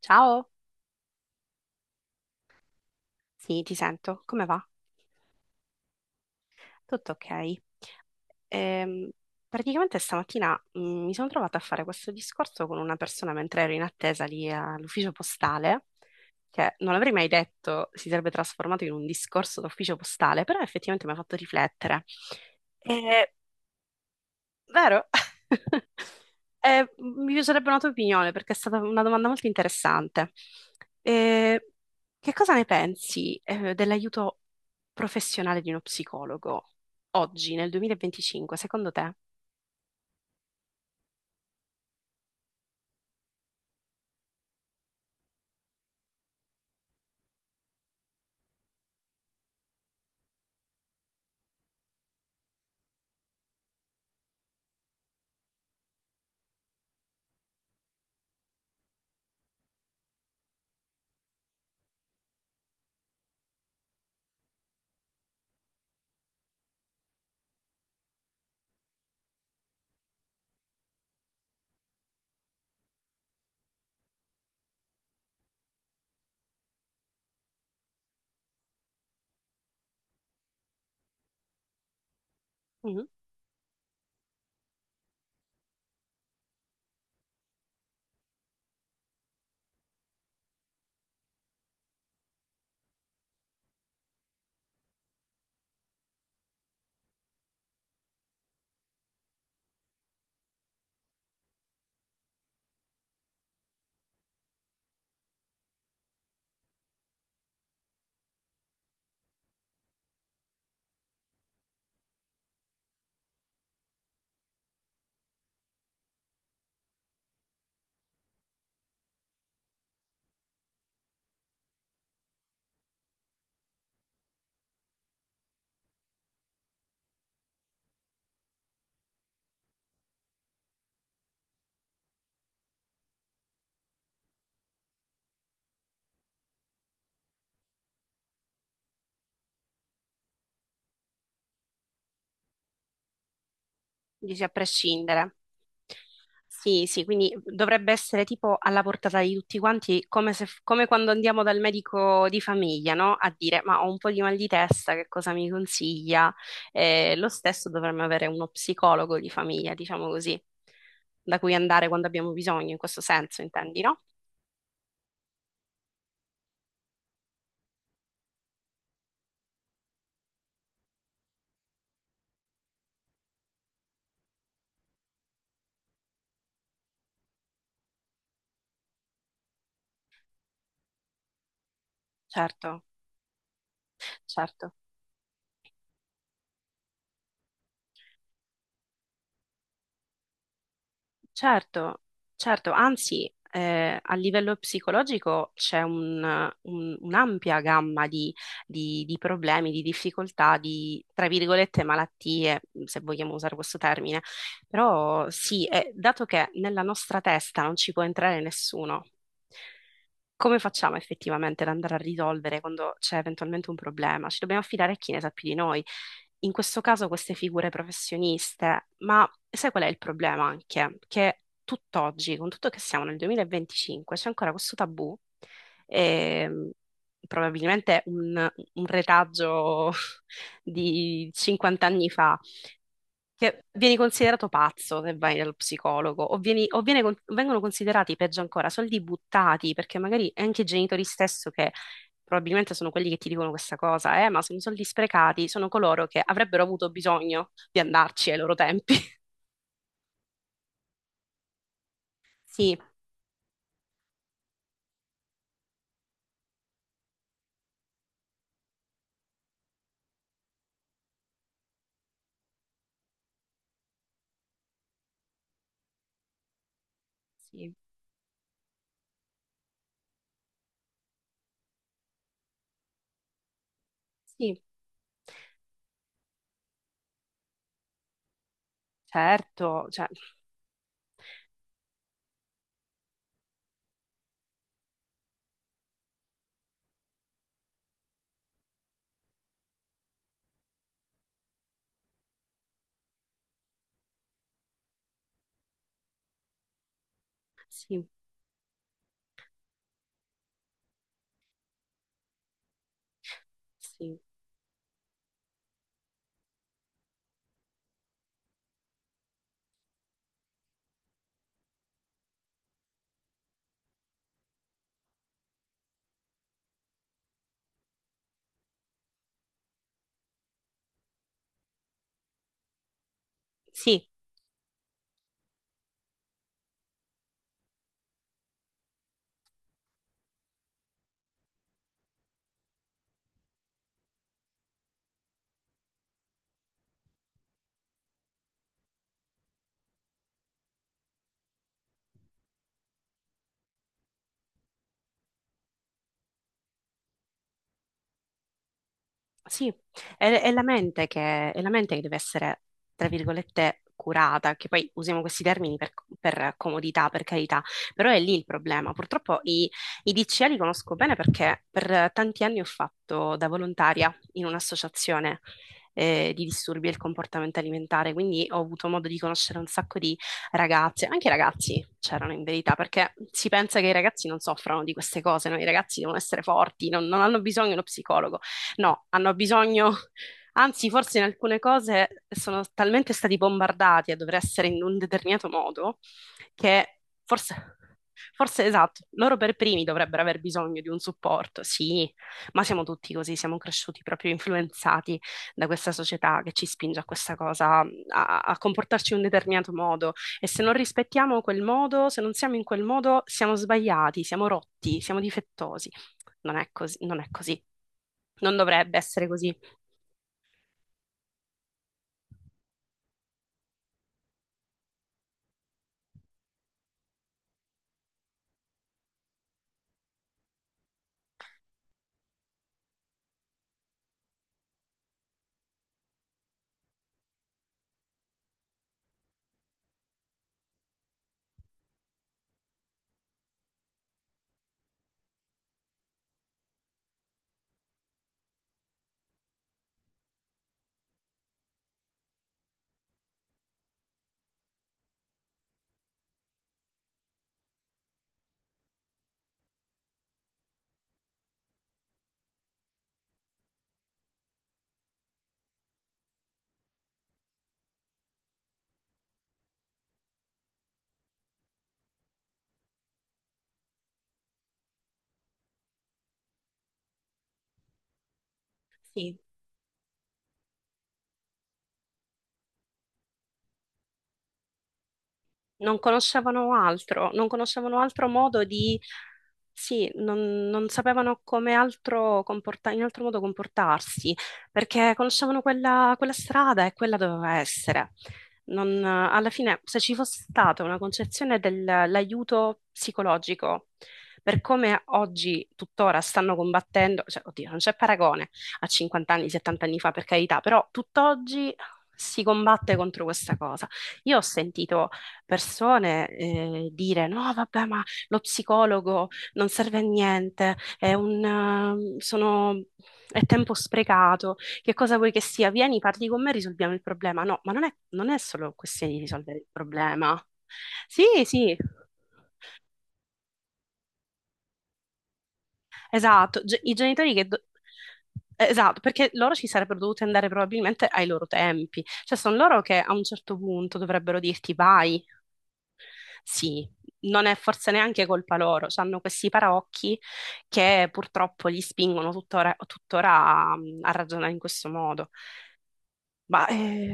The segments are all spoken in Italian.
Ciao, sì, ti sento. Come va? Tutto ok. Ehm, praticamente stamattina mi sono trovata a fare questo discorso con una persona mentre ero in attesa lì all'ufficio postale, che non l'avrei mai detto si sarebbe trasformato in un discorso d'ufficio postale, però effettivamente mi ha fatto riflettere. E Vero? Mi piacerebbe una tua opinione perché è stata una domanda molto interessante. Eh, che cosa ne pensi, dell'aiuto professionale di uno psicologo oggi, nel 2025, secondo te? Mm-hmm. Dici a prescindere. Sì, sì, quindi dovrebbe essere tipo alla portata di tutti quanti, come se, come quando andiamo dal medico di famiglia, no? A dire, ma ho un po' di mal di testa, che cosa mi consiglia? Lo stesso dovremmo avere uno psicologo di famiglia, diciamo così, da cui andare quando abbiamo bisogno, in questo senso, intendi, no? Certo, certo. Certo, certo, anzi, a livello psicologico c'è un'ampia gamma di problemi, di difficoltà, di, tra virgolette, malattie, se vogliamo usare questo termine. Però sì, dato che nella nostra testa non ci può entrare nessuno, come facciamo effettivamente ad andare a risolvere quando c'è eventualmente un problema? Ci dobbiamo affidare a chi ne sa più di noi. In questo caso queste figure professioniste, ma sai qual è il problema anche? Che tutt'oggi, con tutto che siamo nel 2025, c'è ancora questo tabù, ehm, probabilmente un retaggio di 50 anni fa, che vieni considerato pazzo se vai dallo psicologo, o vengono considerati, peggio ancora, soldi buttati, perché magari anche i genitori stesso che probabilmente sono quelli che ti dicono questa cosa, ma sono soldi sprecati, sono coloro che avrebbero avuto bisogno di andarci ai loro tempi. Sì, sì, sì, certo, cioè, sì, sì, sì. Sì, è la mente che deve essere, tra virgolette, curata, che poi usiamo questi termini per, comodità, per carità, però è lì il problema. Purtroppo i DCA li conosco bene perché per tanti anni ho fatto da volontaria in un'associazione di disturbi del comportamento alimentare, quindi ho avuto modo di conoscere un sacco di ragazze, anche i ragazzi c'erano in verità, perché si pensa che i ragazzi non soffrano di queste cose, no? I ragazzi devono essere forti, non hanno bisogno di uno psicologo. No, hanno bisogno, anzi, forse in alcune cose sono talmente stati bombardati a dover essere in un determinato modo che forse, forse esatto, loro per primi dovrebbero aver bisogno di un supporto, sì, ma siamo tutti così, siamo cresciuti proprio influenzati da questa società che ci spinge a questa cosa, a comportarci in un determinato modo e se non rispettiamo quel modo, se non siamo in quel modo, siamo sbagliati, siamo rotti, siamo difettosi. Non è così, non è così. Non dovrebbe essere così. Sì, non conoscevano altro, non conoscevano altro modo di, sì, non sapevano in altro modo comportarsi, perché conoscevano quella strada e quella doveva essere. Alla fine, se ci fosse stata una concezione dell'aiuto psicologico, per come oggi, tuttora, stanno combattendo, cioè, oddio, non c'è paragone a 50 anni, 70 anni fa, per carità, però tutt'oggi si combatte contro questa cosa. Io ho sentito persone dire no, vabbè, ma lo psicologo non serve a niente, è tempo sprecato, che cosa vuoi che sia? Vieni, parli con me, risolviamo il problema. No, ma non è solo questione di risolvere il problema. Sì, sì, esatto. Ge- I genitori che... do- Esatto, perché loro ci sarebbero dovuti andare probabilmente ai loro tempi, cioè sono loro che a un certo punto dovrebbero dirti vai, sì, non è forse neanche colpa loro, hanno questi paraocchi che purtroppo li spingono tuttora, tuttora a, a ragionare in questo modo. Ma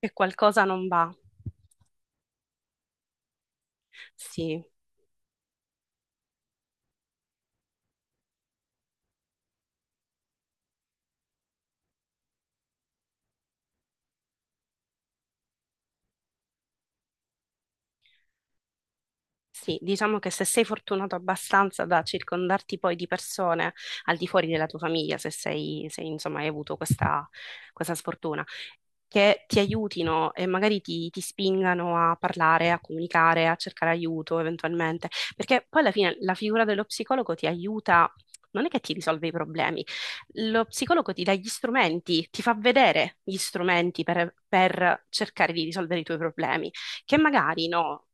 che qualcosa non va. Sì, sì, diciamo che se sei fortunato abbastanza da circondarti poi di persone al di fuori della tua famiglia, se sei, se, insomma, hai avuto questa sfortuna che ti aiutino e magari ti spingano a parlare, a comunicare, a cercare aiuto eventualmente, perché poi alla fine la figura dello psicologo ti aiuta, non è che ti risolve i problemi, lo psicologo ti dà gli strumenti, ti fa vedere gli strumenti per cercare di risolvere i tuoi problemi, che magari no.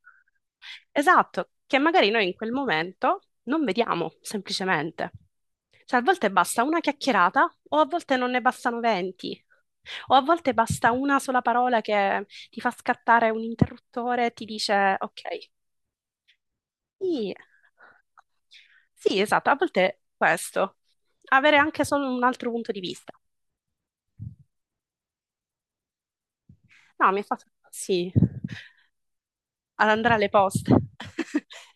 Esatto, che magari noi in quel momento non vediamo semplicemente. Cioè, a volte basta una chiacchierata, o a volte non ne bastano 20, o a volte basta una sola parola che ti fa scattare un interruttore e ti dice: Ok, sì, sì, esatto, a volte è questo. Avere anche solo un altro punto di vista. No, mi ha fatto sì, ad andare alle poste.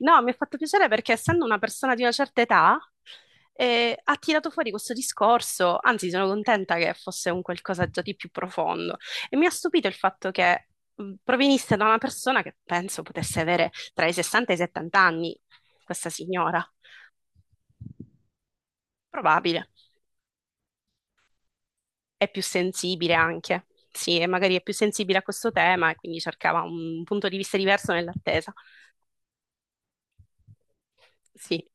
No, mi ha fatto piacere perché essendo una persona di una certa età, ha tirato fuori questo discorso, anzi sono contenta che fosse un qualcosa già di più profondo. E mi ha stupito il fatto che provenisse da una persona che penso potesse avere tra i 60 e i 70 anni, questa signora. Probabile. È più sensibile anche. Sì, e magari è più sensibile a questo tema e quindi cercava un punto di vista diverso nell'attesa. Sì,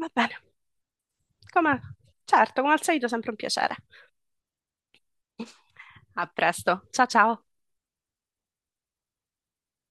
va bene. Come... Certo, come al solito sempre un piacere. A presto. Ciao ciao.